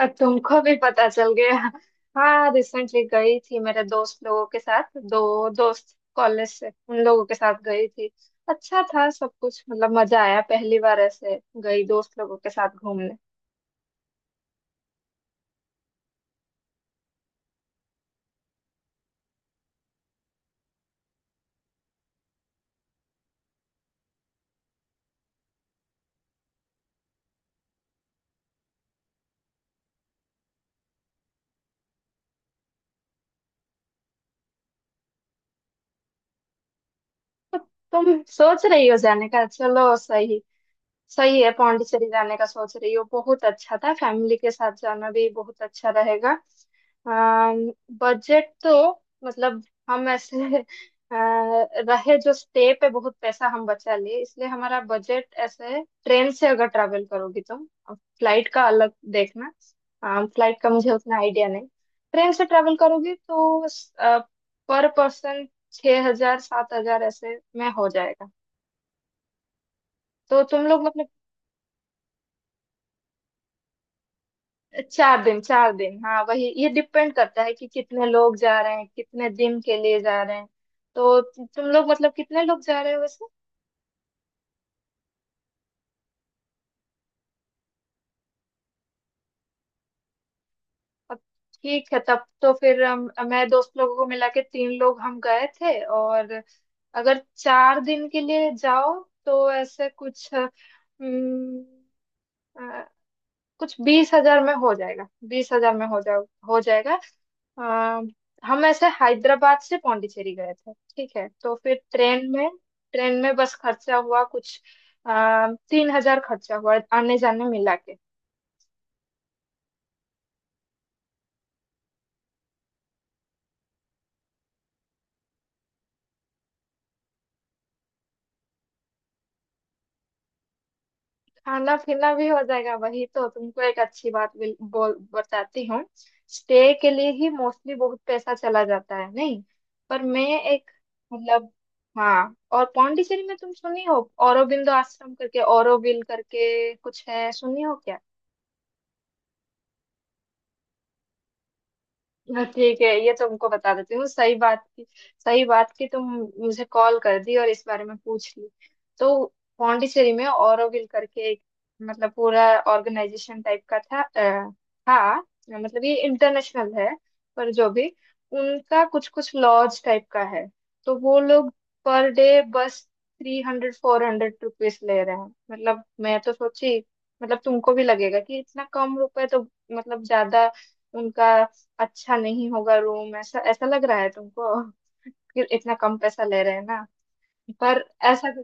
तुमको भी पता चल गया। हाँ, रिसेंटली गई थी मेरे दोस्त लोगों के साथ, दो दोस्त कॉलेज से, उन लोगों के साथ गई थी। अच्छा था सब कुछ, मतलब मजा आया। पहली बार ऐसे गई दोस्त लोगों के साथ घूमने। तो तुम सोच रही हो जाने का, चलो सही। सही है, पौंडीचेरी जाने का सोच रही हो। बहुत अच्छा था, फैमिली के साथ जाना भी बहुत अच्छा रहेगा। बजट तो, मतलब हम ऐसे रहे जो स्टे पे, बहुत पैसा हम बचा लिए इसलिए। हमारा बजट ऐसे, ट्रेन से अगर ट्रैवल करोगी तुम। फ्लाइट का अलग देखना, फ्लाइट का मुझे उतना आइडिया नहीं। ट्रेन से ट्रैवल करोगी तो पर पर्सन 6,000 7,000 ऐसे में हो जाएगा। तो तुम लोग मतलब, 4 दिन। 4 दिन, हाँ वही, ये डिपेंड करता है कि कितने लोग जा रहे हैं, कितने दिन के लिए जा रहे हैं। तो तुम लोग मतलब कितने लोग जा रहे हो वैसे। अब ठीक है। तब तो फिर हम मैं दोस्त लोगों को मिला के तीन लोग हम गए थे। और अगर 4 दिन के लिए जाओ तो ऐसे कुछ अ, कुछ 20,000 में हो जाएगा। 20,000 में हो जाएगा। अ, हम ऐसे हैदराबाद से पौंडीचेरी गए थे। ठीक है, तो फिर ट्रेन में बस खर्चा हुआ कुछ 3,000, खर्चा हुआ आने जाने मिला के। खाना पीना भी हो जाएगा। वही तो तुमको एक अच्छी बात बोल बताती हूँ। स्टे के लिए ही मोस्टली बहुत पैसा चला जाता है, नहीं? पर मैं एक, मतलब, हाँ। और पौंडीचेरी में तुम सुनी हो औरोबिंदो आश्रम करके, औरोबिल करके कुछ है, सुनी हो? हाँ, ठीक है, ये तुमको बता देती हूँ। सही बात की, सही बात की तुम मुझे कॉल कर दी और इस बारे में पूछ ली। तो पौंडीचेरी में ऑरोविल करके एक, मतलब पूरा ऑर्गेनाइजेशन टाइप का था। था मतलब, ये इंटरनेशनल है। पर जो भी, उनका कुछ कुछ लॉज टाइप का है। तो वो लोग पर डे बस 300-400 रुपीज ले रहे हैं। मतलब मैं तो सोची, मतलब तुमको भी लगेगा कि इतना कम रुपए तो मतलब ज्यादा उनका अच्छा नहीं होगा रूम, ऐसा ऐसा लग रहा है तुमको कि इतना कम पैसा ले रहे हैं ना। पर ऐसा तो,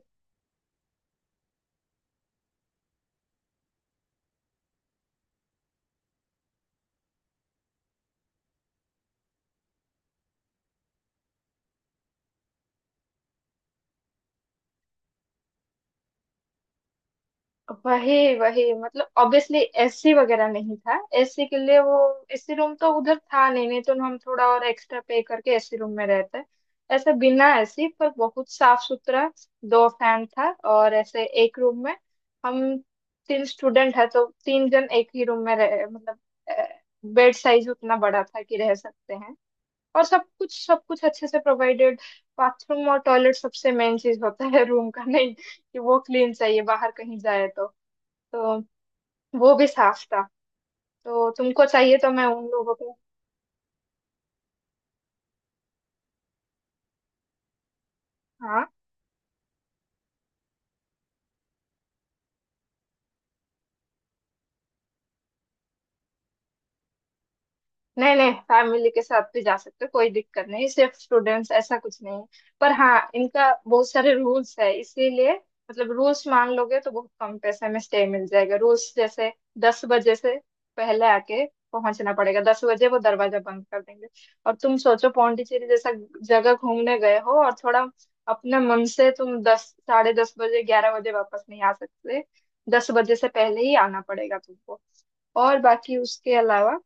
वही वही, मतलब ऑब्वियसली एसी वगैरह नहीं था। एसी के लिए वो, एसी रूम तो उधर था नहीं, नहीं तो हम थोड़ा और एक्स्ट्रा पे करके एसी रूम में रहते। ऐसा बिना एसी, पर बहुत साफ सुथरा। दो फैन था, और ऐसे एक रूम में हम तीन स्टूडेंट है तो तीन जन एक ही रूम में रह, मतलब बेड साइज उतना बड़ा था कि रह सकते हैं। और सब कुछ अच्छे से प्रोवाइडेड। बाथरूम और टॉयलेट सबसे मेन चीज होता है रूम का, नहीं कि वो क्लीन चाहिए, बाहर कहीं जाए तो वो भी साफ था, तो तुमको चाहिए तो मैं उन लोगों को। हाँ। नहीं, नहीं, फैमिली के साथ भी जा सकते हो, कोई दिक्कत नहीं, सिर्फ स्टूडेंट्स ऐसा कुछ नहीं है। पर हाँ, इनका बहुत सारे रूल्स है इसीलिए। मतलब रूल्स मान लोगे तो बहुत कम पैसे में स्टे मिल जाएगा। रूल्स जैसे 10 बजे से पहले आके पहुंचना पड़ेगा, 10 बजे वो दरवाजा बंद कर देंगे। और तुम सोचो, पौंडीचेरी जैसा जगह घूमने गए हो और थोड़ा अपने मन से, तुम दस, 10:30 बजे, 11 बजे वापस नहीं आ सकते। 10 बजे से पहले ही आना पड़ेगा तुमको। और बाकी उसके अलावा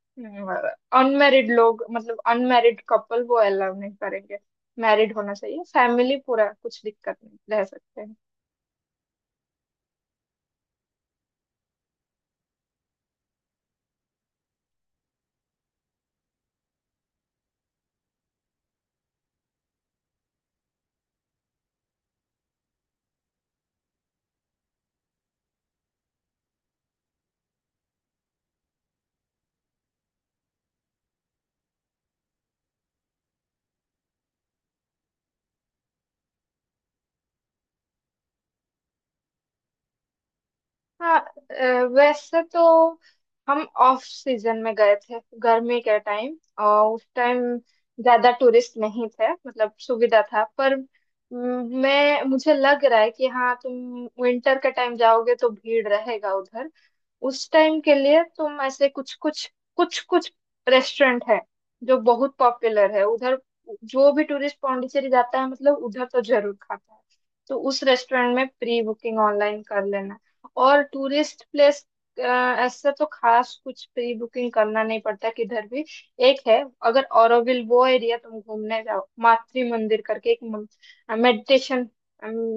अनमैरिड लोग, मतलब अनमैरिड कपल वो अलाउ नहीं करेंगे। मैरिड होना चाहिए, फैमिली पूरा, कुछ दिक्कत नहीं, रह सकते हैं। हाँ, वैसे तो हम ऑफ सीजन में गए थे, गर्मी के टाइम, और उस टाइम ज्यादा टूरिस्ट नहीं थे, मतलब सुविधा था। पर मैं मुझे लग रहा है कि हाँ, तुम विंटर के टाइम जाओगे तो भीड़ रहेगा उधर। उस टाइम के लिए तुम ऐसे कुछ कुछ कुछ कुछ रेस्टोरेंट है जो बहुत पॉपुलर है उधर, जो भी टूरिस्ट पांडिचेरी जाता है मतलब उधर तो जरूर खाता है। तो उस रेस्टोरेंट में प्री बुकिंग ऑनलाइन कर लेना। और टूरिस्ट प्लेस ऐसा तो खास कुछ प्री बुकिंग करना नहीं पड़ता किधर भी। एक है, अगर ऑरोविल वो एरिया तुम घूमने जाओ, मातृ मंदिर करके एक मेडिटेशन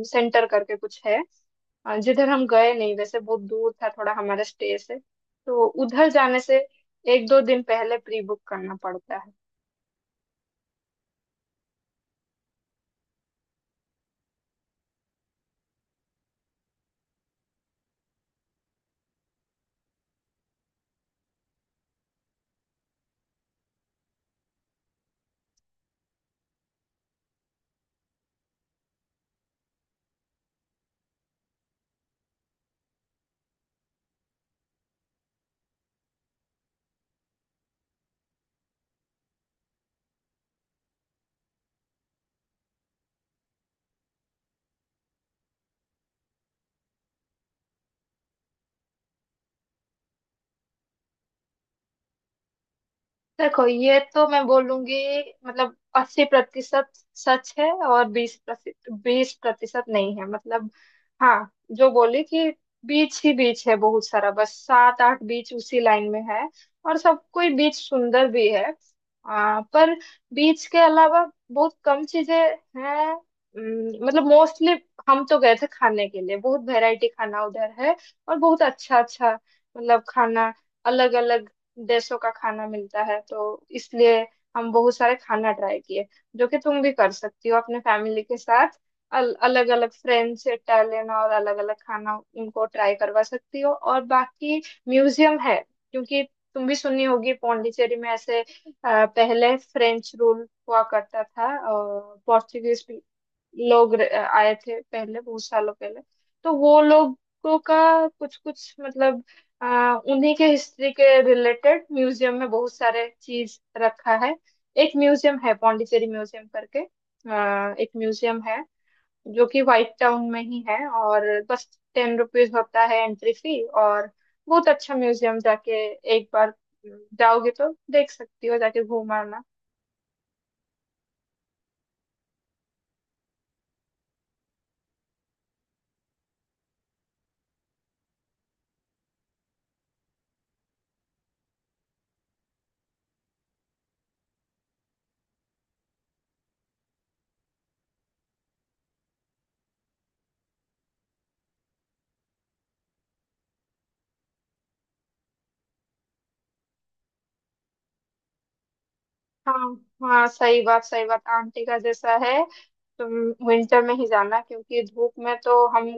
सेंटर करके कुछ है, जिधर हम गए नहीं, वैसे बहुत दूर था थोड़ा हमारे स्टे से। तो उधर जाने से 1-2 दिन पहले प्री बुक करना पड़ता है। देखो ये तो मैं बोलूंगी, मतलब 80% सच है और बीस 20% नहीं है, मतलब। हाँ, जो बोली कि बीच ही बीच है बहुत सारा, बस 7-8 बीच उसी लाइन में है, और सब कोई बीच सुंदर भी है। पर बीच के अलावा बहुत कम चीजें हैं, मतलब मोस्टली हम तो गए थे खाने के लिए। बहुत वैरायटी खाना उधर है, और बहुत अच्छा अच्छा, मतलब खाना, अलग अलग देशों का खाना मिलता है, तो इसलिए हम बहुत सारे खाना ट्राई किए जो कि तुम भी कर सकती हो अपने फैमिली के साथ। अलग अलग फ्रेंच इटालियन और अलग अलग खाना उनको ट्राई करवा सकती हो। और बाकी म्यूजियम है, क्योंकि तुम भी सुनी होगी पौंडीचेरी में ऐसे पहले फ्रेंच रूल हुआ करता था और पोर्चुगीज लोग आए थे पहले, बहुत सालों पहले। तो वो लोगों का कुछ कुछ, मतलब उन्हीं के हिस्ट्री के रिलेटेड म्यूजियम में बहुत सारे चीज रखा है। एक म्यूजियम है पौंडीचेरी म्यूजियम करके, एक म्यूजियम है जो कि व्हाइट टाउन में ही है, और बस 10 रुपीज होता है एंट्री फी। और बहुत अच्छा म्यूजियम, जाके एक बार जाओगे तो देख सकती हो, जाके घूम आना। हाँ हाँ, सही बात, सही बात, आंटी का जैसा है। तुम विंटर में ही जाना, क्योंकि धूप में तो हम,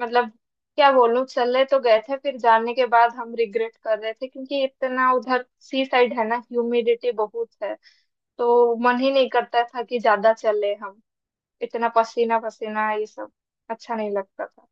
मतलब क्या बोलूं, चले तो गए थे, फिर जाने के बाद हम रिग्रेट कर रहे थे क्योंकि इतना उधर सी साइड है ना, ह्यूमिडिटी बहुत है। तो मन ही नहीं करता था कि ज्यादा चले हम, इतना पसीना पसीना ये सब अच्छा नहीं लगता था।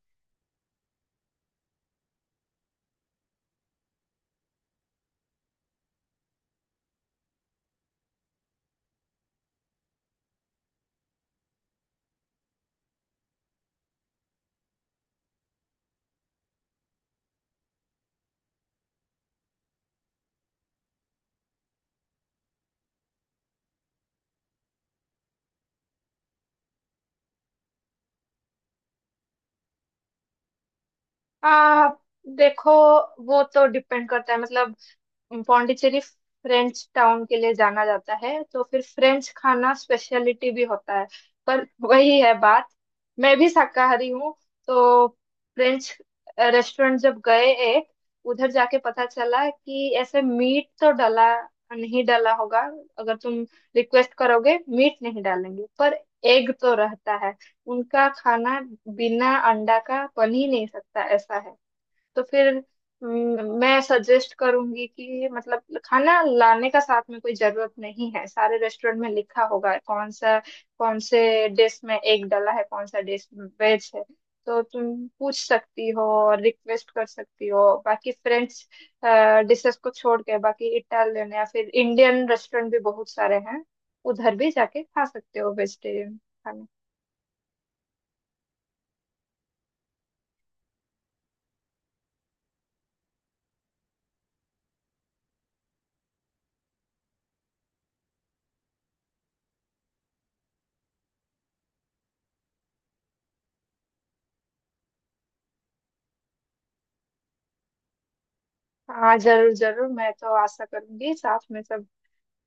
आ, देखो, वो तो डिपेंड करता है। मतलब पौंडीचेरी फ्रेंच टाउन के लिए जाना जाता है, तो फिर फ्रेंच खाना स्पेशलिटी भी होता है। पर वही है बात, मैं भी शाकाहारी हूँ। तो फ्रेंच रेस्टोरेंट जब गए एक, उधर जाके पता चला कि ऐसे मीट तो डाला, नहीं डाला होगा अगर तुम रिक्वेस्ट करोगे, मीट नहीं डालेंगे, पर एग तो रहता है। उनका खाना बिना अंडा का बन ही नहीं सकता, ऐसा है। तो फिर मैं सजेस्ट करूंगी कि मतलब खाना लाने का साथ में कोई जरूरत नहीं है। सारे रेस्टोरेंट में लिखा होगा कौन से डिश में एग डला है, कौन सा डिश वेज है। तो तुम पूछ सकती हो और रिक्वेस्ट कर सकती हो। बाकी फ्रेंच डिशेस को छोड़ के बाकी इटालियन या फिर इंडियन रेस्टोरेंट भी बहुत सारे हैं, उधर भी जाके खा सकते हो वेजिटेरियन खाना। हाँ जरूर जरूर, मैं तो आशा करूंगी, साथ में सब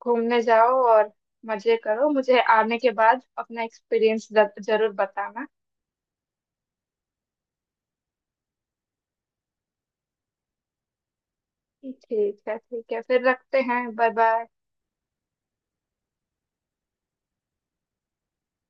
घूमने जाओ और मजे करो। मुझे आने के बाद अपना एक्सपीरियंस जरूर बताना। ठीक है, ठीक है, फिर रखते हैं। Bye bye.